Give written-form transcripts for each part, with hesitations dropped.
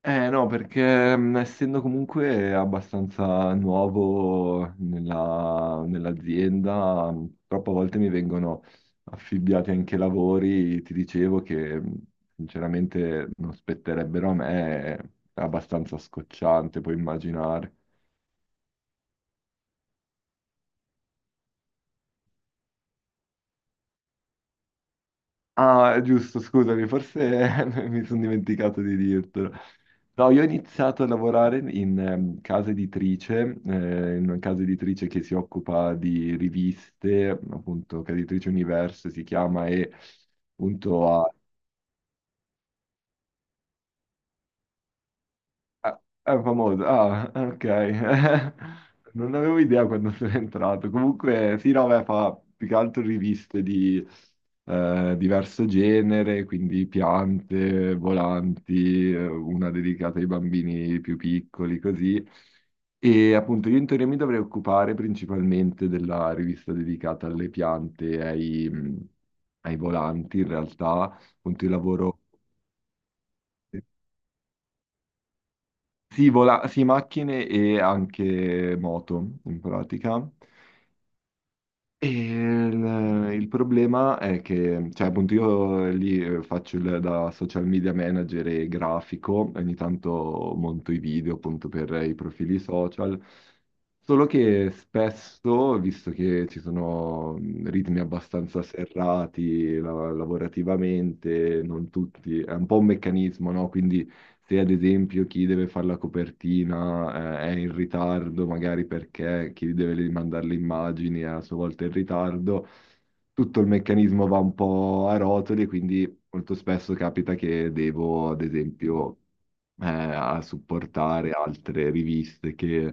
Eh no, perché essendo comunque abbastanza nuovo nell'azienda, troppe volte mi vengono affibbiati anche lavori, ti dicevo che sinceramente non spetterebbero a me, è abbastanza scocciante, puoi immaginare. Ah, giusto, scusami, forse mi sono dimenticato di dirtelo. No, io ho iniziato a lavorare in casa editrice, in una casa editrice che si occupa di riviste, appunto, casa editrice Universo si chiama, e appunto ha Ah, è famoso. Ah, ok. Non avevo idea quando sono entrato. Comunque, sì, no, beh, fa più che altro riviste di diverso genere, quindi piante, volanti, una dedicata ai bambini più piccoli, così. E appunto io in teoria mi dovrei occupare principalmente della rivista dedicata alle piante e ai volanti, in realtà, appunto io lavoro... Sì, sì, macchine e anche moto in pratica. E il problema è che, cioè, appunto, io lì faccio da social media manager e grafico, ogni tanto monto i video appunto per i profili social. Solo che spesso, visto che ci sono ritmi abbastanza serrati lavorativamente, non tutti, è un po' un meccanismo, no? Quindi se ad esempio chi deve fare la copertina, è in ritardo, magari perché chi deve mandare le immagini è a sua volta in ritardo, tutto il meccanismo va un po' a rotoli e quindi molto spesso capita che devo, ad esempio, a supportare altre riviste che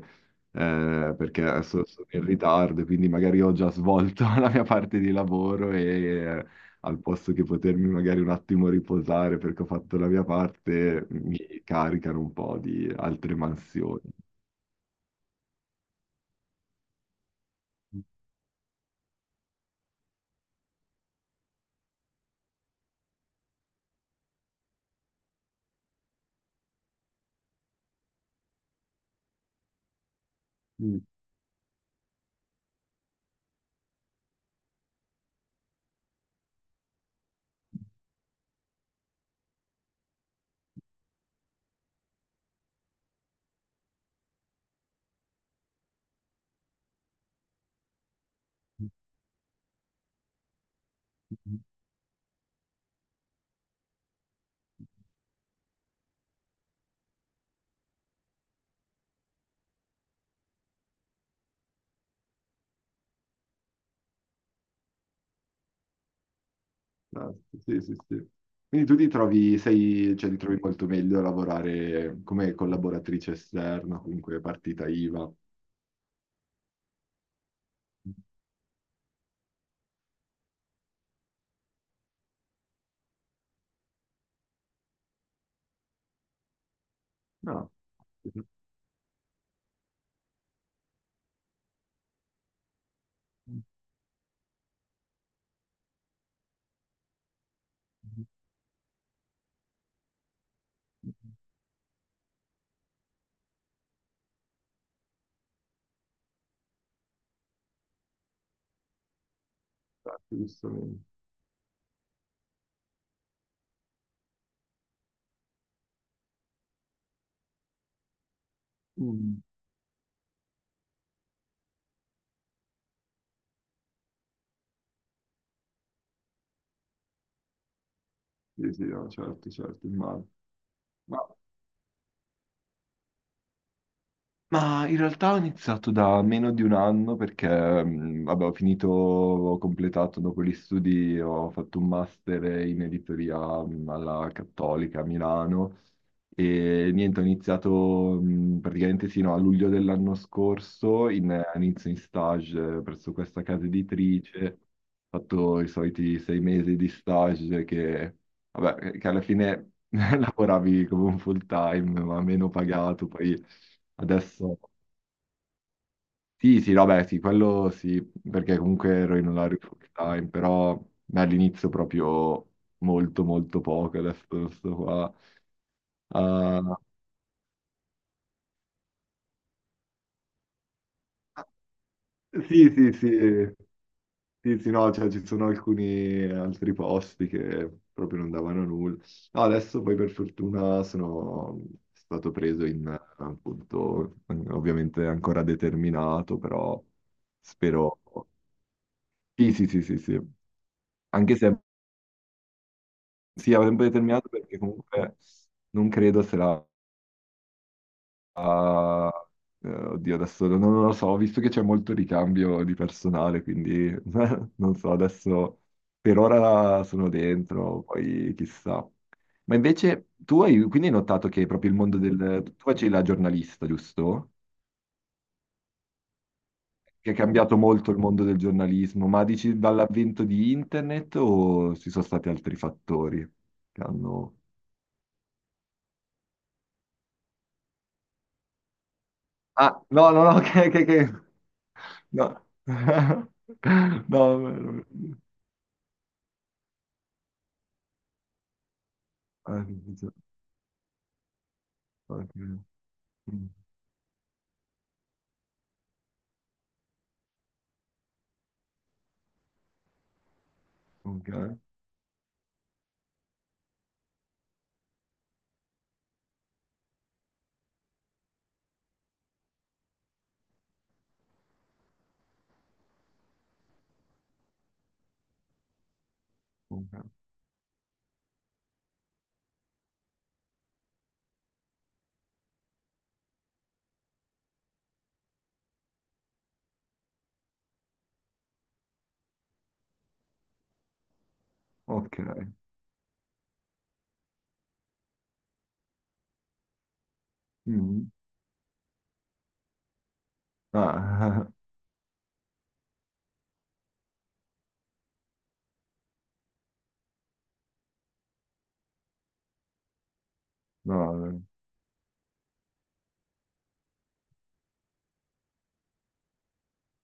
perché sono in ritardo, quindi magari ho già svolto la mia parte di lavoro e eh, al posto che potermi magari un attimo riposare perché ho fatto la mia parte, mi caricano un po' di altre mansioni. Mm. Esatto, sì, sì, sì. Quindi tu ti trovi, sei, cioè, ti trovi molto meglio a lavorare come collaboratrice esterna, comunque partita IVA. No, esatto, giustamente. Mm. Sì, sì, no, certo, certo, immagino. Ma Ma in realtà ho iniziato da meno di un anno perché, vabbè, ho finito, ho completato dopo gli studi, ho fatto un master in editoria alla Cattolica a Milano e niente, ho iniziato praticamente sino a luglio dell'anno scorso, inizio in stage presso questa casa editrice, ho fatto i soliti 6 mesi di stage che, vabbè, che alla fine lavoravi come un full time, ma meno pagato, poi... Adesso sì, sì, no, beh, sì, quello sì, perché comunque ero in orario full time, però beh, all'inizio proprio molto, molto poco, adesso sto qua. Ah, sì, sì, sì, sì, sì, no, cioè ci sono alcuni altri posti che proprio non davano nulla. No, adesso poi per fortuna sono stato preso appunto, ovviamente ancora determinato, però spero... Sì, sì, sì, sì, sì. Anche se è. Sì, a tempo determinato perché comunque non credo se la... a- oddio, adesso non lo so, ho visto che c'è molto ricambio di personale, quindi non so, adesso per ora sono dentro, poi chissà. Ma invece tu hai quindi hai notato che proprio il mondo del... Tu facevi la giornalista, giusto? Che è cambiato molto il mondo del giornalismo, ma dici dall'avvento di internet o ci sono stati altri fattori che hanno... Ah, no, no, no, che... No. No, no, no. Ah, sì, sì, sì. Ok. Mm. Ok, ok. Ok. Mm. Ah, no,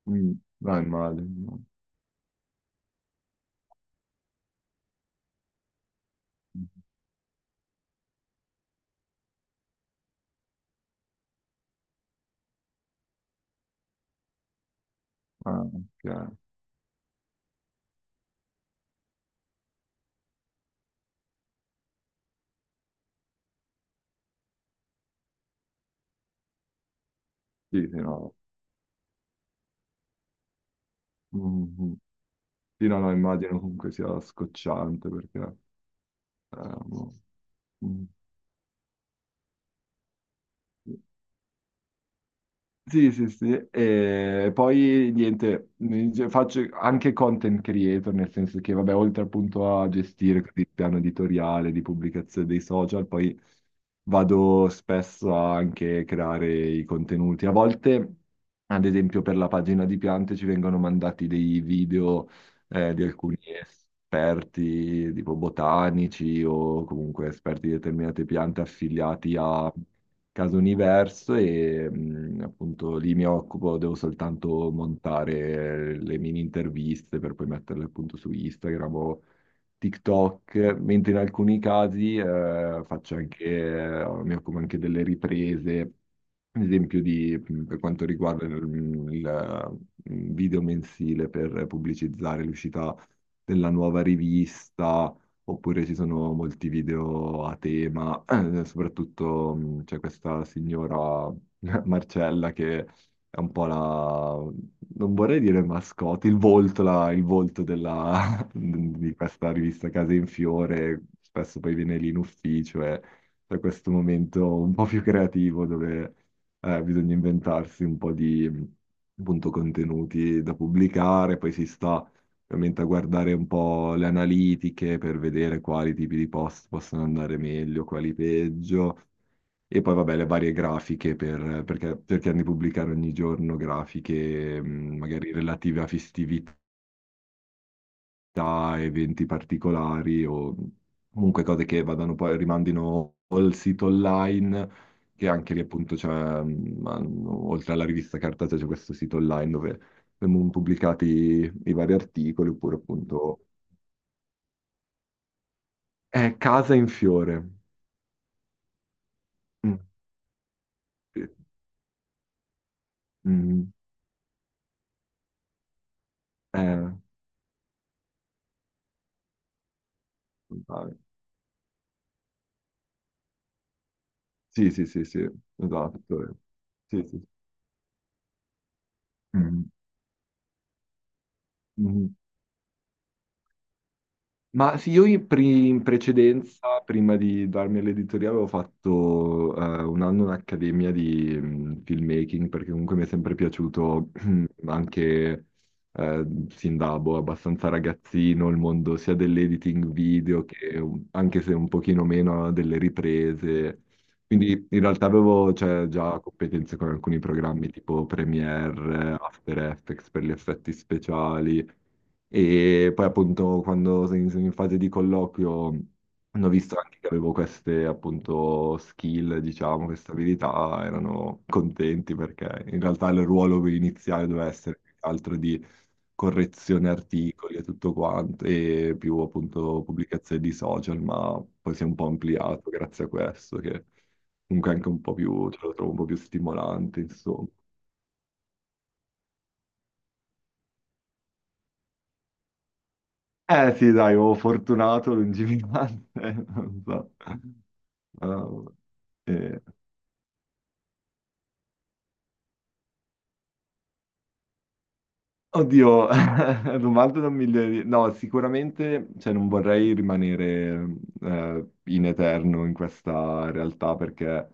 mm, no, immagino. No. Mm. Ah, ok. Mm. Ah, ok. Sì, sì, no. Mm, sì, no, no, immagino comunque sia scocciante perché... boh. Mm. Sì, sì, sì, e poi niente, faccio anche content creator, nel senso che, vabbè, oltre appunto a gestire così il piano editoriale di pubblicazione dei social, poi vado spesso a anche creare i contenuti. A volte, ad esempio, per la pagina di piante ci vengono mandati dei video di alcuni esperti, tipo botanici o comunque esperti di determinate piante affiliati a Caso Universo e appunto lì mi occupo, devo soltanto montare le mini interviste per poi metterle appunto su Instagram o TikTok, mentre in alcuni casi faccio anche, mi occupo anche delle riprese, ad esempio di, per quanto riguarda il mm, video mensile per pubblicizzare l'uscita della nuova rivista, oppure ci sono molti video a tema soprattutto c'è questa signora Marcella che è un po' la, non vorrei dire mascotte, il volto, il volto di questa rivista Case in Fiore, spesso poi viene lì in ufficio e c'è questo momento un po' più creativo dove bisogna inventarsi un po' di appunto contenuti da pubblicare, poi si sta ovviamente a guardare un po' le analitiche per vedere quali tipi di post possono andare meglio, quali peggio, e poi vabbè le varie grafiche per, perché cerchiamo di pubblicare ogni giorno grafiche magari relative a festività, eventi particolari o comunque cose che vadano poi rimandino al sito online. Che anche lì appunto c'è, oltre alla rivista cartacea, c'è questo sito online dove vengono pubblicati i vari articoli, oppure appunto è Casa in fiore. Mm, sì. Mm, eh, vabbè. Sì, sì, sì, sì, esatto. Sì, sì. Mm, mm. Ma sì, io in precedenza, prima di darmi all'editoria, avevo fatto un anno un'accademia di filmmaking, perché comunque mi è sempre piaciuto anche sin da boh, abbastanza ragazzino il mondo sia dell'editing video che anche se un pochino meno delle riprese. Quindi in realtà avevo cioè, già competenze con alcuni programmi tipo Premiere, After Effects per gli effetti speciali. E poi appunto quando sono in fase di colloquio hanno visto anche che avevo queste appunto skill, diciamo, queste abilità, erano contenti perché in realtà il ruolo iniziale doveva essere più che altro di correzione articoli e tutto quanto e più appunto pubblicazioni di social, ma poi si è un po' ampliato grazie a questo che comunque è anche un po' più, ce lo trovo un po' più stimolante, insomma. Eh sì, dai, oh, fortunato, lungimirante, non so. Oh, eh, oddio, domanda da un milione di... No, sicuramente, cioè, non vorrei rimanere in eterno in questa realtà perché.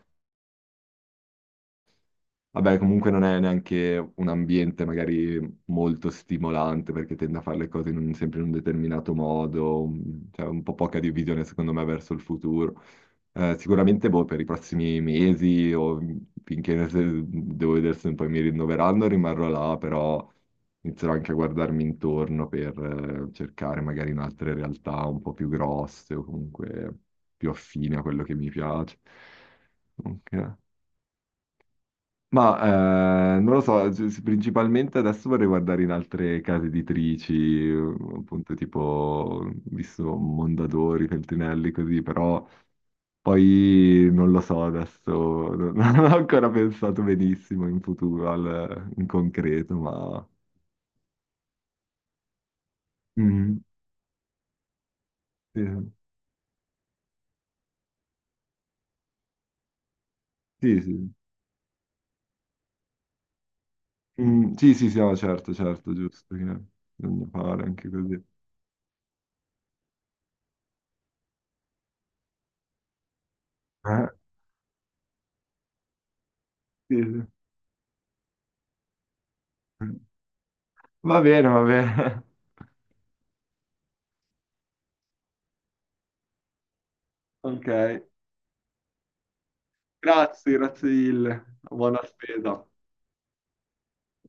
Vabbè, comunque non è neanche un ambiente magari molto stimolante perché tende a fare le cose in sempre in un determinato modo, mm, cioè un po' poca di visione secondo me verso il futuro. Sicuramente boh, per i prossimi mesi o finché devo vedere se poi mi rinnoveranno rimarrò là, però inizierò anche a guardarmi intorno per cercare magari in altre realtà un po' più grosse o comunque più affine a quello che mi piace. Ok. Ma non lo so, principalmente adesso vorrei guardare in altre case editrici, appunto tipo, visto Mondadori, Feltrinelli, così, però poi non lo so adesso, non non ho ancora pensato benissimo in futuro, in concreto, ma... Mm, sì, sì, sì, Mm, sì, sì, sì, no, certo, certo, giusto, che bisogna fare anche così. Eh, sì, sì. Va bene, ok. Grazie, grazie mille. Buona spesa.